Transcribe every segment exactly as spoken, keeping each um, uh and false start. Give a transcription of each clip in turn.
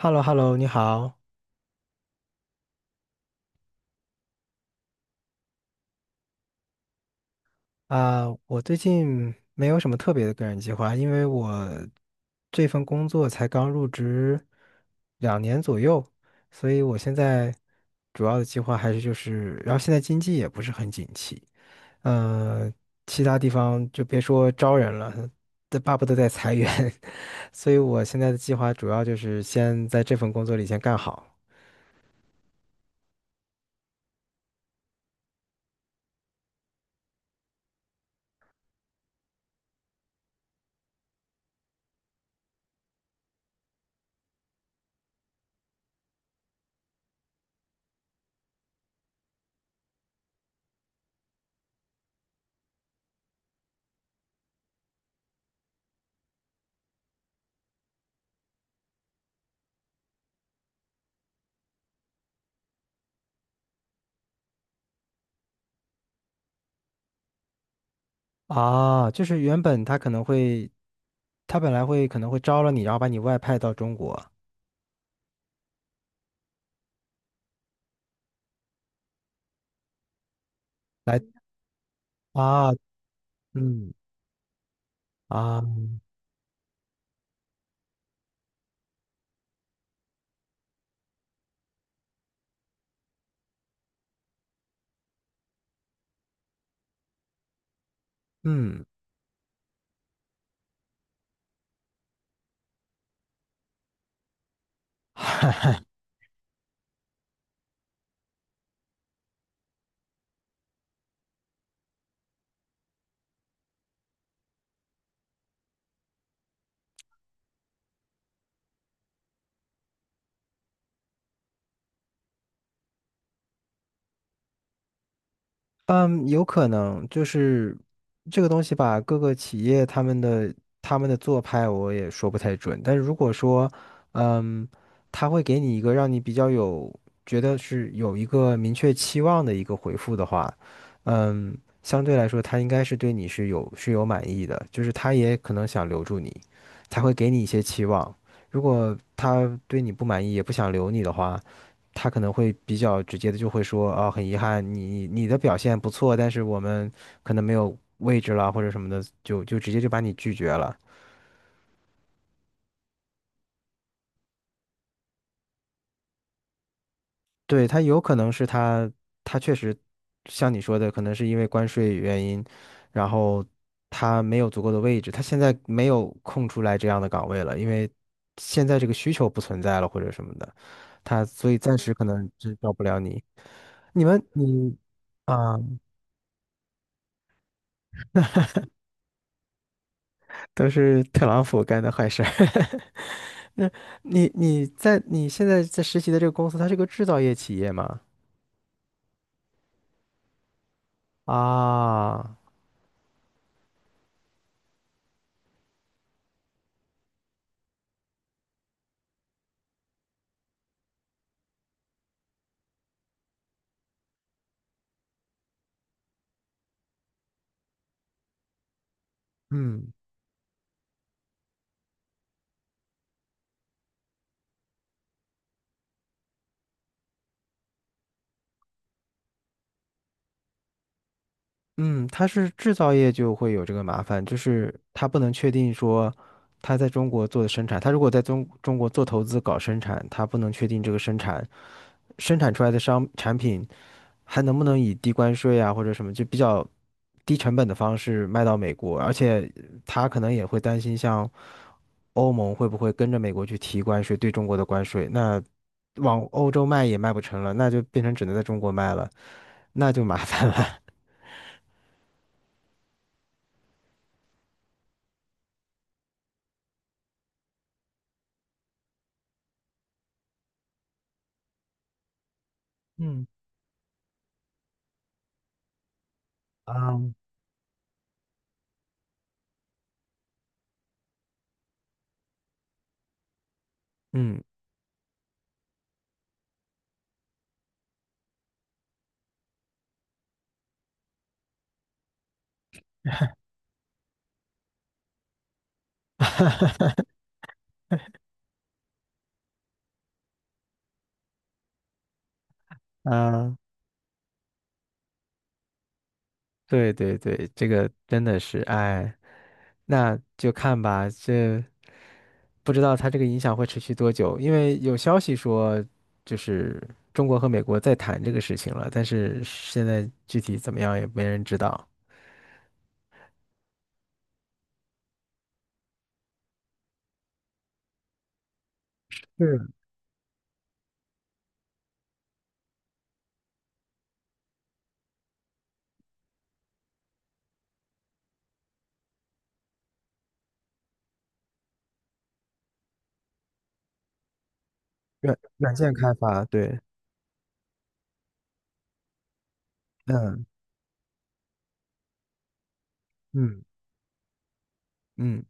h e l l o h e l l o 你好啊，我最近没有什么特别的个人计划，因为我这份工作才刚入职两年左右，所以我现在主要的计划还是就是，然后现在经济也不是很景气，呃，其他地方就别说招人了，这巴不得在裁员，所以我现在的计划主要就是先在这份工作里先干好。啊，就是原本他可能会，他本来会可能会招了你，然后把你外派到中国来啊。嗯。啊。嗯。嗯，有可能就是这个东西吧，各个企业他们的他们的做派我也说不太准，但是如果说，嗯，他会给你一个让你比较有觉得是有一个明确期望的一个回复的话，嗯，相对来说他应该是对你是有是有满意的，就是他也可能想留住你，才会给你一些期望。如果他对你不满意，也不想留你的话。他可能会比较直接的就会说啊，很遗憾，你你的表现不错，但是我们可能没有位置了或者什么的，就就直接就把你拒绝了。对，他有可能是他他确实像你说的，可能是因为关税原因，然后他没有足够的位置，他现在没有空出来这样的岗位了，因为现在这个需求不存在了或者什么的，他所以暂时可能真招不了你。你们你啊，都是特朗普干的坏事儿。那你你在你现在在实习的这个公司，它是个制造业企业吗？啊。嗯。嗯，它是制造业就会有这个麻烦，就是它不能确定说它在中国做的生产，它如果在中中国做投资搞生产，它不能确定这个生产生产出来的商产品还能不能以低关税啊或者什么就比较低成本的方式卖到美国？而且他可能也会担心，像欧盟会不会跟着美国去提关税，对中国的关税？那往欧洲卖也卖不成了，那就变成只能在中国卖了，那就麻烦了。嗯。啊。嗯。啊，对对对，这个真的是，哎，那就看吧，这。不知道它这个影响会持续多久，因为有消息说，就是中国和美国在谈这个事情了，但是现在具体怎么样也没人知道。是软软件开发，对。嗯。嗯。嗯。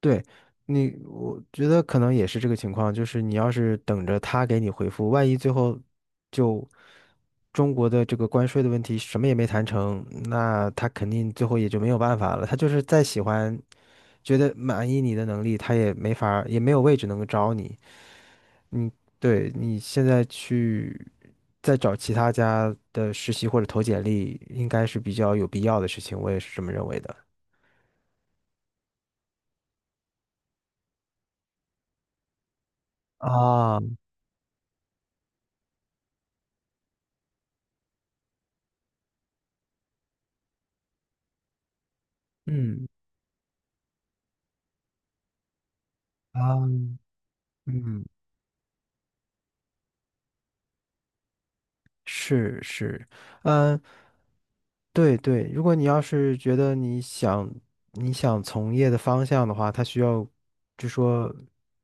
对。你，我觉得可能也是这个情况，就是你要是等着他给你回复，万一最后就中国的这个关税的问题什么也没谈成，那他肯定最后也就没有办法了。他就是再喜欢，觉得满意你的能力，他也没法儿也没有位置能够招你。嗯，对你现在去再找其他家的实习或者投简历，应该是比较有必要的事情，我也是这么认为的。啊。嗯。啊。嗯。是是，嗯，对对，如果你要是觉得你想你想从业的方向的话，他需要，就说，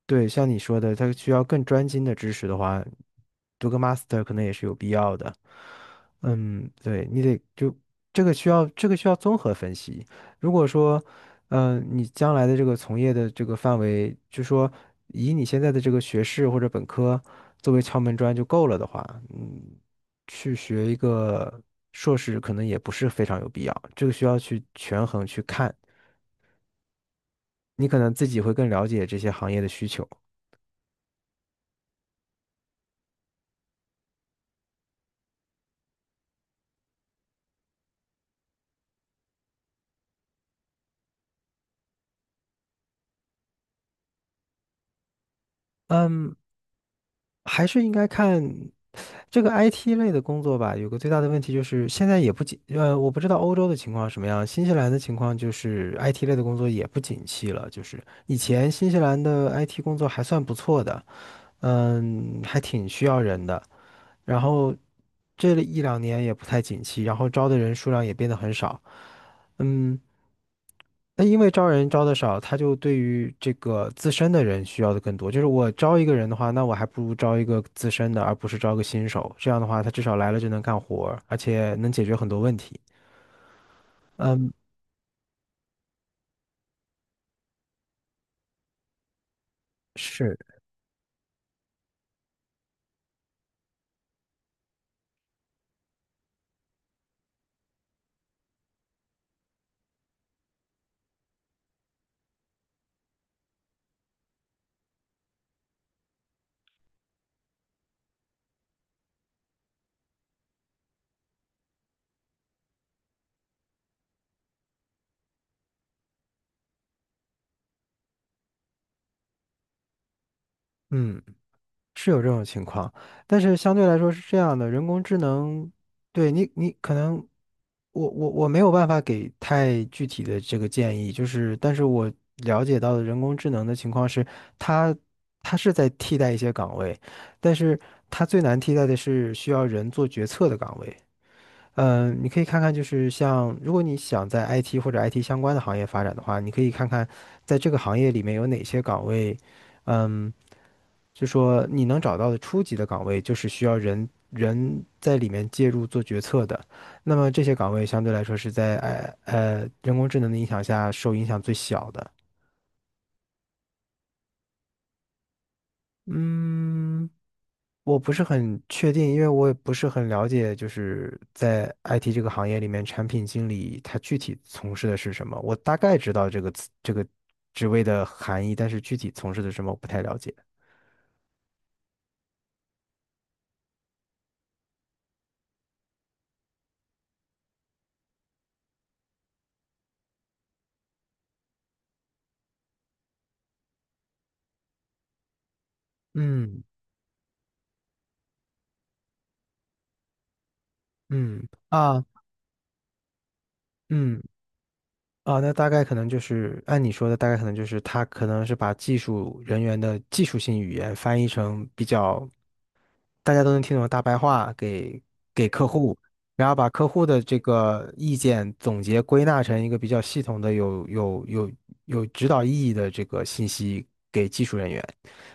对，像你说的，他需要更专精的知识的话，读个 master 可能也是有必要的。嗯，对，你得就这个需要这个需要综合分析。如果说，嗯、你将来的这个从业的这个范围，就说以你现在的这个学士或者本科作为敲门砖就够了的话，嗯。去学一个硕士，可能也不是非常有必要。这个需要去权衡去看，你可能自己会更了解这些行业的需求。嗯，还是应该看这个 I T 类的工作吧。有个最大的问题就是，现在也不景，呃，我不知道欧洲的情况什么样，新西兰的情况就是 I T 类的工作也不景气了。就是以前新西兰的 I T 工作还算不错的，嗯，还挺需要人的。然后这一两年也不太景气，然后招的人数量也变得很少。嗯，那因为招人招的少，他就对于这个自身的人需要的更多。就是我招一个人的话，那我还不如招一个资深的，而不是招个新手。这样的话，他至少来了就能干活儿而且能解决很多问题。是。嗯。是有这种情况，但是相对来说是这样的，人工智能，对你，你可能我我我没有办法给太具体的这个建议，就是但是我了解到的人工智能的情况是，它它是在替代一些岗位，但是它最难替代的是需要人做决策的岗位。嗯，你可以看看，就是像如果你想在 I T 或者 I T 相关的行业发展的话，你可以看看在这个行业里面有哪些岗位，嗯。就说你能找到的初级的岗位，就是需要人人在里面介入做决策的。那么这些岗位相对来说是在呃呃人工智能的影响下受影响最小的。嗯，我不是很确定，因为我也不是很了解，就是在 I T 这个行业里面，产品经理他具体从事的是什么。我大概知道这个词这个职位的含义，但是具体从事的是什么我不太了解。嗯。嗯。啊。嗯。啊，那大概可能就是按你说的，大概可能就是他可能是把技术人员的技术性语言翻译成比较大家都能听懂的大白话给给客户，然后把客户的这个意见总结归纳成一个比较系统的有有有有指导意义的这个信息给技术人员，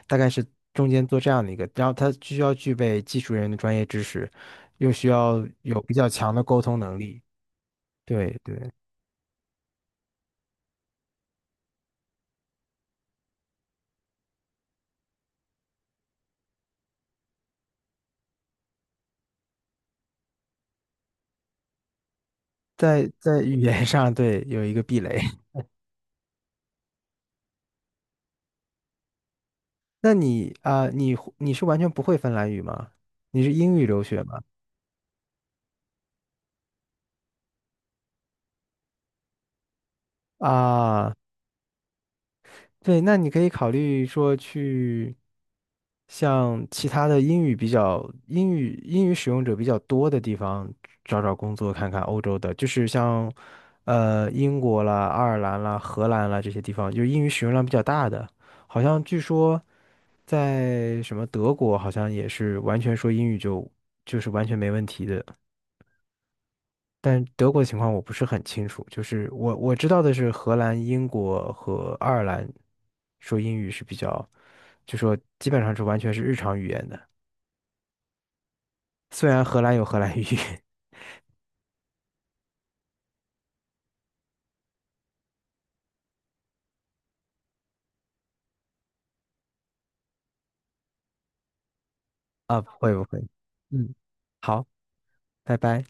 大概是中间做这样的一个，然后他需要具备技术人员的专业知识，又需要有比较强的沟通能力。对对。在在语言上，对，有一个壁垒。那你啊、你你是完全不会芬兰语吗？你是英语留学吗？啊、对，那你可以考虑说去像其他的英语比较英语英语使用者比较多的地方找找工作，看看欧洲的，就是像呃英国啦、爱尔兰啦、荷兰啦这些地方，就是英语使用量比较大的。好像据说在什么德国，好像也是完全说英语就就是完全没问题的。但德国的情况我不是很清楚，就是我我知道的是荷兰、英国和爱尔兰说英语是比较，就说基本上是完全是日常语言的。虽然荷兰有荷兰语。 啊，不会不会，嗯，好，拜拜。